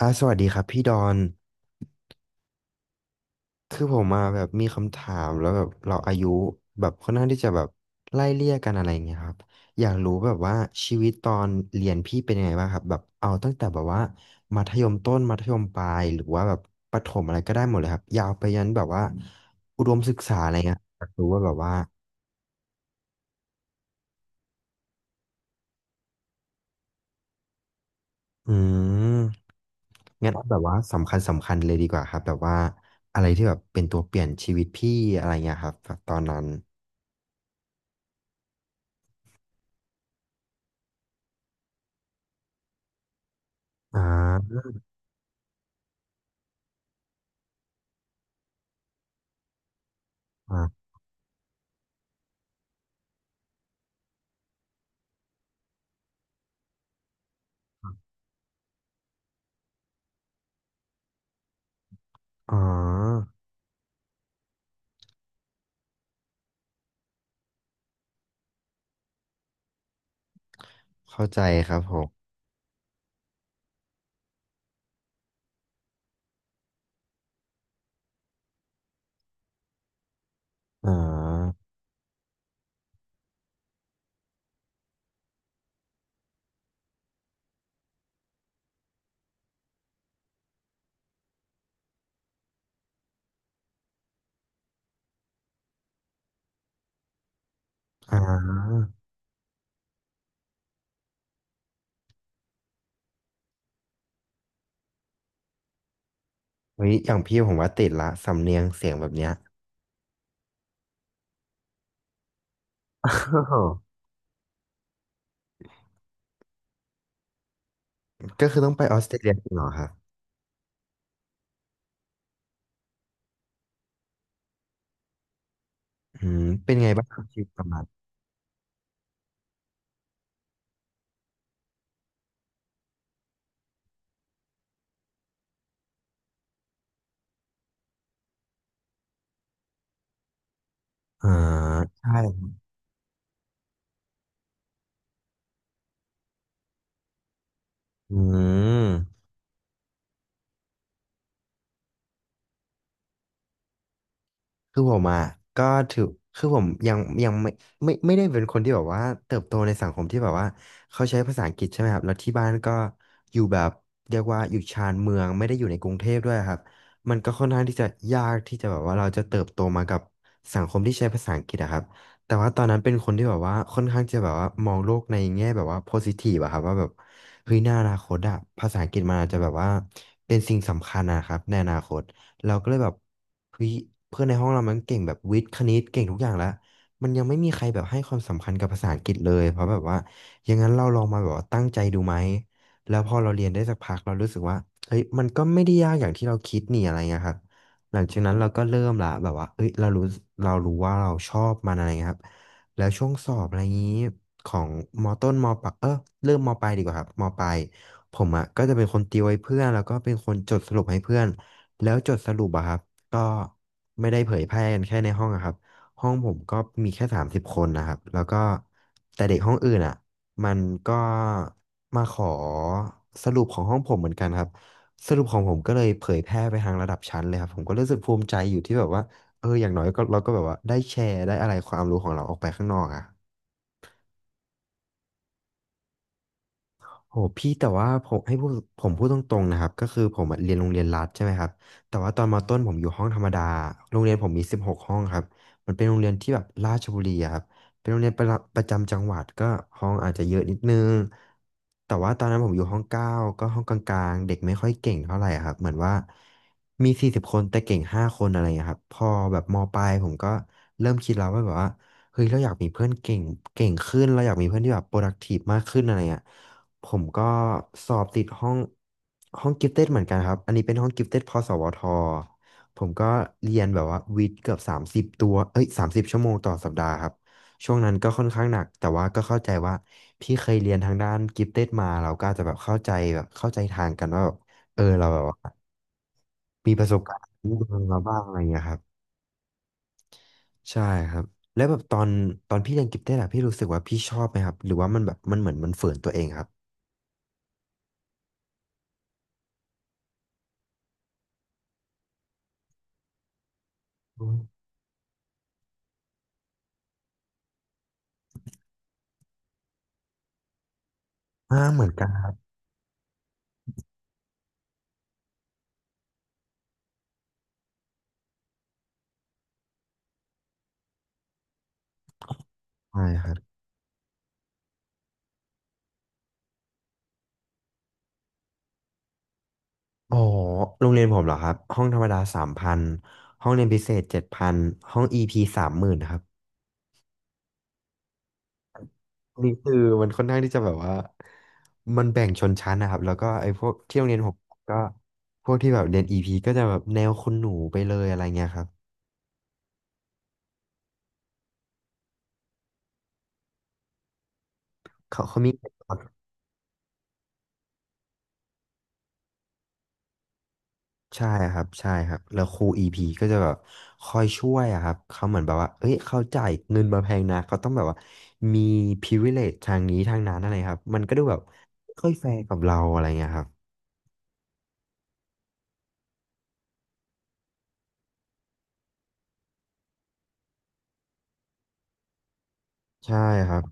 สวัสดีครับพี่ดอนคือผมมาแบบมีคำถามแล้วแบบเราอายุแบบค่อนข้างที่จะแบบไล่เลี่ยกันอะไรอย่างเงี้ยครับอยากรู้แบบว่าชีวิตตอนเรียนพี่เป็นยังไงบ้างครับแบบเอาตั้งแต่แบบว่ามัธยมต้นมัธยมปลายหรือว่าแบบประถมอะไรก็ได้หมดเลยครับยาวไปยันแบบว่าอุดมศึกษาอะไรเงี้ยอยากรู้ว่าแบบว่าอืมงั้นเอาแบบว่าสำคัญสำคัญเลยดีกว่าครับแบบว่าอะไรที่แบบเป็นตัวเปลี่ยนชีวิตพี่อะไรเงี้ยครับแบบตอนนั้นอ่าอ่า อ๋อเข้าใจครับผมอ๋ออ๋อเฮ้ยอย่างพี่ผมว่าติดละสำเนียงเสียงแบบเนี้ย อ้าวก็คือต้องไปออสเตรเลียจริงเหรอครับอืมเป็นไงบ้างครับชีวิตประมาณอ่าใช่อืม คือผมอ่ะก็ถือคือผมยังไม่ไม่ได้เป็นคนที่แบบว่าเติบโตในสังคมที่แบบว่าเขาใช้ภาษาอังกฤษใช่ไหมครับแล้วที่บ้านก็อยู่แบบเรียกว่าอยู่ชานเมืองไม่ได้อยู่ในกรุงเทพด้วยครับมันก็ค่อนข้างที่จะยากที่จะแบบว่าเราจะเติบโตมากับสังคมที่ใช้ภาษาอังกฤษอะครับแต่ว่าตอนนั้นเป็นคนที่แบบว่าค่อนข้างจะแบบว่ามองโลกในแง่แบบว่าโพซิทีฟอะครับว่าแบบเฮ้ยในอนาคตอะภาษาอังกฤษมันอาจจะแบบว่าเป็นสิ่งสำคัญนะครับในอนาคต เราก็เลยแบบเฮ้ยเพื่อนในห้องเรามันเก่งแบบวิทย์คณิตเก่งทุกอย่างแล้วมันยังไม่มีใครแบบให้ความสำคัญกับภาษาอังกฤษเลยเพราะแบบว่าอย่างนั้นเราลองมาแบบว่าตั้งใจดูไหมแล้วพอเราเรียนได้สักพักเรารู้สึกว่าเฮ้ยมันก็ไม่ได้ยากอย่างที่เราคิดนี่อะไรเงี้ยครับหลังจากนั้นเราก็เริ่มละแบบว่าเอ้ยเรารู้เรารู้ว่าเราชอบมันอะไรเงี้ยครับแล้วช่วงสอบอะไรงี้ของมต้นมปลายเริ่มมปลายดีกว่าครับมปลายผมอ่ะก็จะเป็นคนติวให้เพื่อนแล้วก็เป็นคนจดสรุปให้เพื่อน แล้วจดสรุปอะครับก็ไม่ได้เผยแพร่กันแค่ในห้องอะครับห้องผมก็มีแค่30 คนนะครับแล้วก็แต่เด็กห้องอื่นอะมันก็มาขอสรุปของห้องผมเหมือนกันครับสรุปของผมก็เลยเผยแพร่ไปทางระดับชั้นเลยครับผมก็รู้สึกภูมิใจอยู่ที่แบบว่าเอออย่างน้อยก็เราก็แบบว่าได้แชร์ได้อะไรความรู้ของเราออกไปข้างนอกอะ โหพี่แต่ว่าผมให้พูดผมพูดตรงๆนะครับก็คือผมอะเรียนโรงเรียนรัฐใช่ไหมครับแต่ว่าตอนมต้นผมอยู่ห้องธรรมดาโรงเรียนผมมี16 ห้องครับมันเป็นโรงเรียนที่แบบราชบุรีอะครับเป็นโรงเรียนประจำจังหวัดก็ห้องอาจจะเยอะนิดนึงแต่ว่าตอนนั้นผมอยู่ห้องเก้าก็ห้องกลางๆเด็กไม่ค่อยเก่งเท่าไหร่อะครับเหมือนว่ามี40 คนแต่เก่ง5 คนอะไรอย่างเงี้ยครับพอแบบมปลายผมก็เริ่มคิดแล้วว่าแบบว่าเฮ้ยเราอยากมีเพื่อนเก่งเก่งขึ้นเราอยากมีเพื่อนที่แบบ productive มากขึ้นอะไรอย่างเงี้ย ผมก็สอบติดห้องกิฟเต็ดเหมือนกันครับอันนี้เป็นห้องกิฟเต็ดพสวทผมก็เรียนแบบว่าวิทย์เกือบ30 ตัวเอ้ย30 ชั่วโมงต่อสัปดาห์ครับช่วงนั้นก็ค่อนข้างหนักแต่ว่าก็เข้าใจว่าพี่เคยเรียนทางด้านกิฟเต็ดมาเราก็อาจจะแบบเข้าใจแบบเข้าใจทางกันว่าแบบเออเราแบบว่ามีประสบการณ์มีเรื่องมาบ้างอะไรอย่างเงี้ยครับใช่ครับแล้วแบบตอนพี่เรียนกิฟเต็ดอะพี่รู้สึกว่าพี่ชอบไหมครับหรือว่ามันแบบมันเหมือนมันฝืนตัวเองครับอมอ่าเหมือนกันใช่ครับ อ๋อโรงเรียนผมเหรอครับห้องธรรมดา3,000ห้องเรียนพิเศษ7,000ห้องอีพี30,000ครับนี่คือมันค่อนข้างที่จะแบบว่ามันแบ่งชนชั้นนะครับแล้วก็ไอ้พวกที่โรงเรียนผมก็พวกที่แบบเรียนอีพีก็จะแบบแนวคุณหนูไปเลยอะไรเงี้ยครับเขามีใช่ครับใช่ครับแล้วครูอีพีก็จะแบบคอยช่วยอะครับเขาเหมือนแบบว่าเอ้ยเขาจ่ายเงินมาแพงนะเขาต้องแบบว่ามี privilege ทางนี้ทางนั้นอะไรครับมันก็ดูแบบไม่ค่อยแฟร์กับเราอะไรเงี้ยครับ ใช่ครับ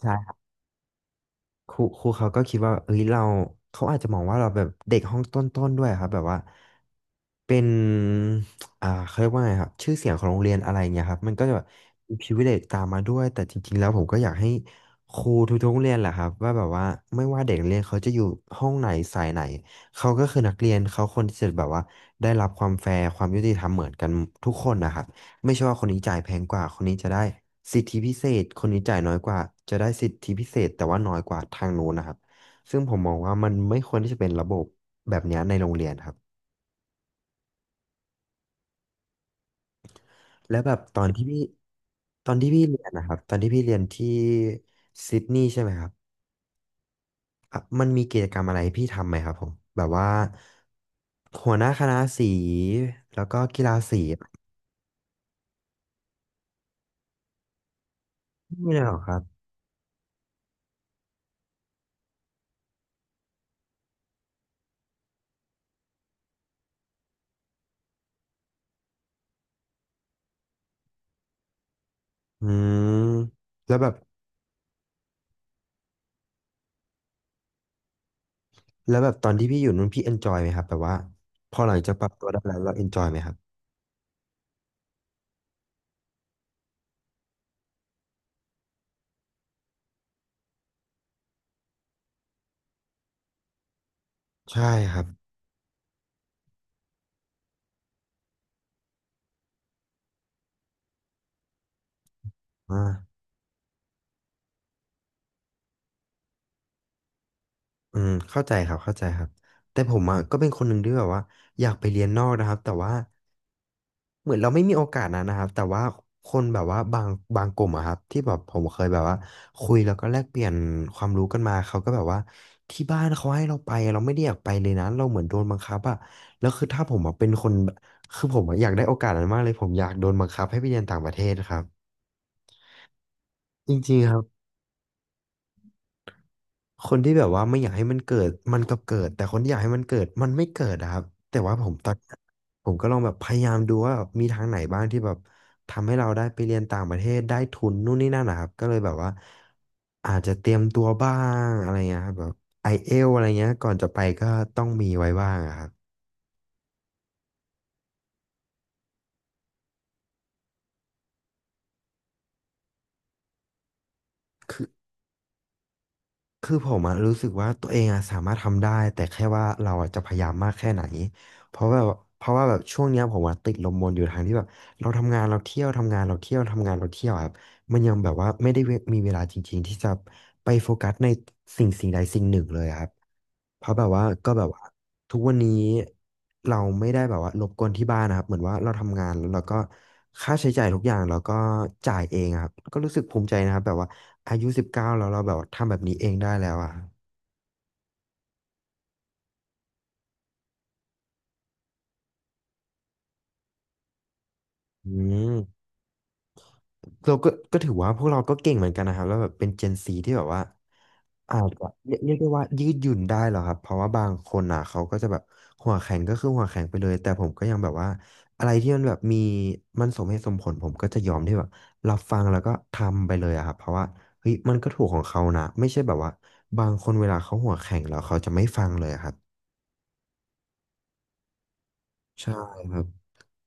ใช่ครับครูครูเขาก็คิดว่าเอ้ยเราเขาอาจจะมองว่าเราแบบเด็กห้องต้นๆด้วยครับแบบว่าเป็นเขาเรียกว่าไงครับชื่อเสียงของโรงเรียนอะไรเงี้ยครับมันก็จะแบบมี privilege ตามมาด้วยแต่จริงๆแล้วผมก็อยากให้ครูทุกๆโรงเรียนแหละครับว่าแบบว่าไม่ว่าเด็กนักเรียนเขาจะอยู่ห้องไหนสายไหนเขาก็คือนักเรียนเขาควรที่จะแบบว่าได้รับความแฟร์ความยุติธรรมเหมือนกันทุกคนนะครับ ไม่ใช่ว่าคนนี้จ่ายแพงกว่าคนนี้จะได้สิทธิพิเศษคนนี้จ่ายน้อยกว่าจะได้สิทธิพิเศษแต่ว่าน้อยกว่าทางนู้นนะครับซึ่งผมมองว่ามันไม่ควรที่จะเป็นระบบแบบเนี้ยในโรงเรียนครับและแบบตอนที่พี่เรียนนะครับตอนที่พี่เรียนที่ซิดนีย์ใช่ไหมครับอ่ะมันมีกิจกรรมอะไรให้พี่ทำไหมครับผมแบบว่าหัวหน้าคณะสีแล้วก็กีฬาสีไม่เลยเหรอครับอืมแล้วแบบ แล้วแบบตอนที่พี่อยู่นู้นพี่เอนจอยไหมครับแบบว่าพอหลังจากปรับตัวได้แล้วเราเอนจอยไหมครับใช่ครับอ่าเข้าใจครับเข้าใจครับแต่ผมอ่ะก็เป็นคนหนึ่งที่แบบว่าอยากไปเรียนนอกนะครับแต่ว่าเหมือนเราไม่มีโอกาสนะนะครับแต่ว่าคนแบบว่าบางกลุ่มอะครับที่แบบผมเคยแบบว่าคุยแล้วก็แลกเปลี่ยนความรู้กันมาเขาก็แบบว่าที่บ้านเขาให้เราไปเราไม่ได้อยากไปเลยนะเราเหมือนโดนบังคับอะแล้วคือถ้าผมอะเป็นคนคือผมอะอยากได้โอกาสนั้นมากเลยผมอยากโดนบังคับให้ไปเรียนต่างประเทศครับ จริงๆครับคนที่แบบว่าไม่อยากให้มันเกิดมันก็เกิดแต่คนที่อยากให้มันเกิดมันไม่เกิดอะครับแต่ว่าผมตอนผมก็ลองแบบพยายามดูว่าแบบมีทางไหนบ้างที่แบบทำให้เราได้ไปเรียนต่างประเทศได้ทุนนู่นนี่นั่นนะครับก็เลยแบบว่าอาจจะเตรียมตัวบ้างอะไรเงี้ยครับแบบไอเอลอะไรเงี้ยก่อนจะไปก็ต้องมีไว้บ้างอะครับ คือผมอะรู้สึกว่าตัวเองอะสามารถทำได้แต่แค่ว่าเราอะจะพยายามมากแค่ไหนเพราะแบบเพราะว่าแบบช่วงเนี้ยผมอะติดลมบนอยู่ทางที่แบบเราทำงานเราเที่ยวทำงานเราเที่ยวทำงานเราเที่ยวอะครับมันยังแบบว่าไม่ได้มีเวลาจริงๆที่จะไปโฟกัสในสิ่งสิ่งใดสิ่งหนึ่งเลยอะครับเพราะแบบว่าก็แบบว่าทุกวันนี้เราไม่ได้แบบว่ารบกวนที่บ้านนะครับเหมือนว่าเราทำงานแล้วเราก็ค่าใช้จ่ายทุกอย่างเราก็จ่ายเองอะครับก็รู้สึกภูมิใจนะครับแบบว่า อายุ19แล้วเราแบบทำแบบนี้เองได้แล้วอ่ะอืมเราก็ก็ถือว่าพวกเราก็เก่งเหมือนกันนะครับแล้วแบบเป็นเจนซีที่แบบว่าอาจจะเรียกได้ว่ายืดหยุ่นได้เหรอครับเพราะว่าบางคนอ่ะเขาก็จะแบบหัวแข็งก็คือหัวแข็งไปเลยแต่ผมก็ยังแบบว่าอะไรที่มันแบบมันสมเหตุสมผลผมก็จะยอมที่แบบรับฟังแล้วก็ทำไปเลยอะครับเพราะว่าเฮ้ยมันก็ถูกของเขานะไม่ใช่แบบว่าบางคนเวลาเขาหัวแข็งแล้วเขาจะไม่ฟังเลยอะครับใช่ครับ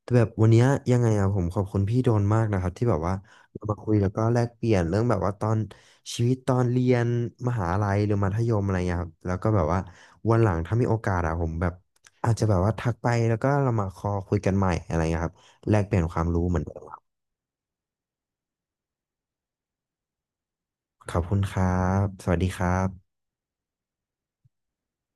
แต่แบบวันเนี้ยยังไงอะผมขอบคุณพี่โดนมากนะครับที่แบบว่าเรามาคุยแล้วก็แลกเปลี่ยนเรื่องแบบว่าตอนชีวิตตอนเรียนมหาลัยหรือมัธยมอะไรเงี้ยครับแล้วก็แบบว่าวันหลังถ้ามีโอกาสอะผมแบบอาจจะแบบว่าทักไปแล้วก็เรามาคุยกันใหม่อะไรเงี้ยครับแลกเปลี่ยนความรู้เหมือนเดิมครับขอบคุณครับสวัสดีครับ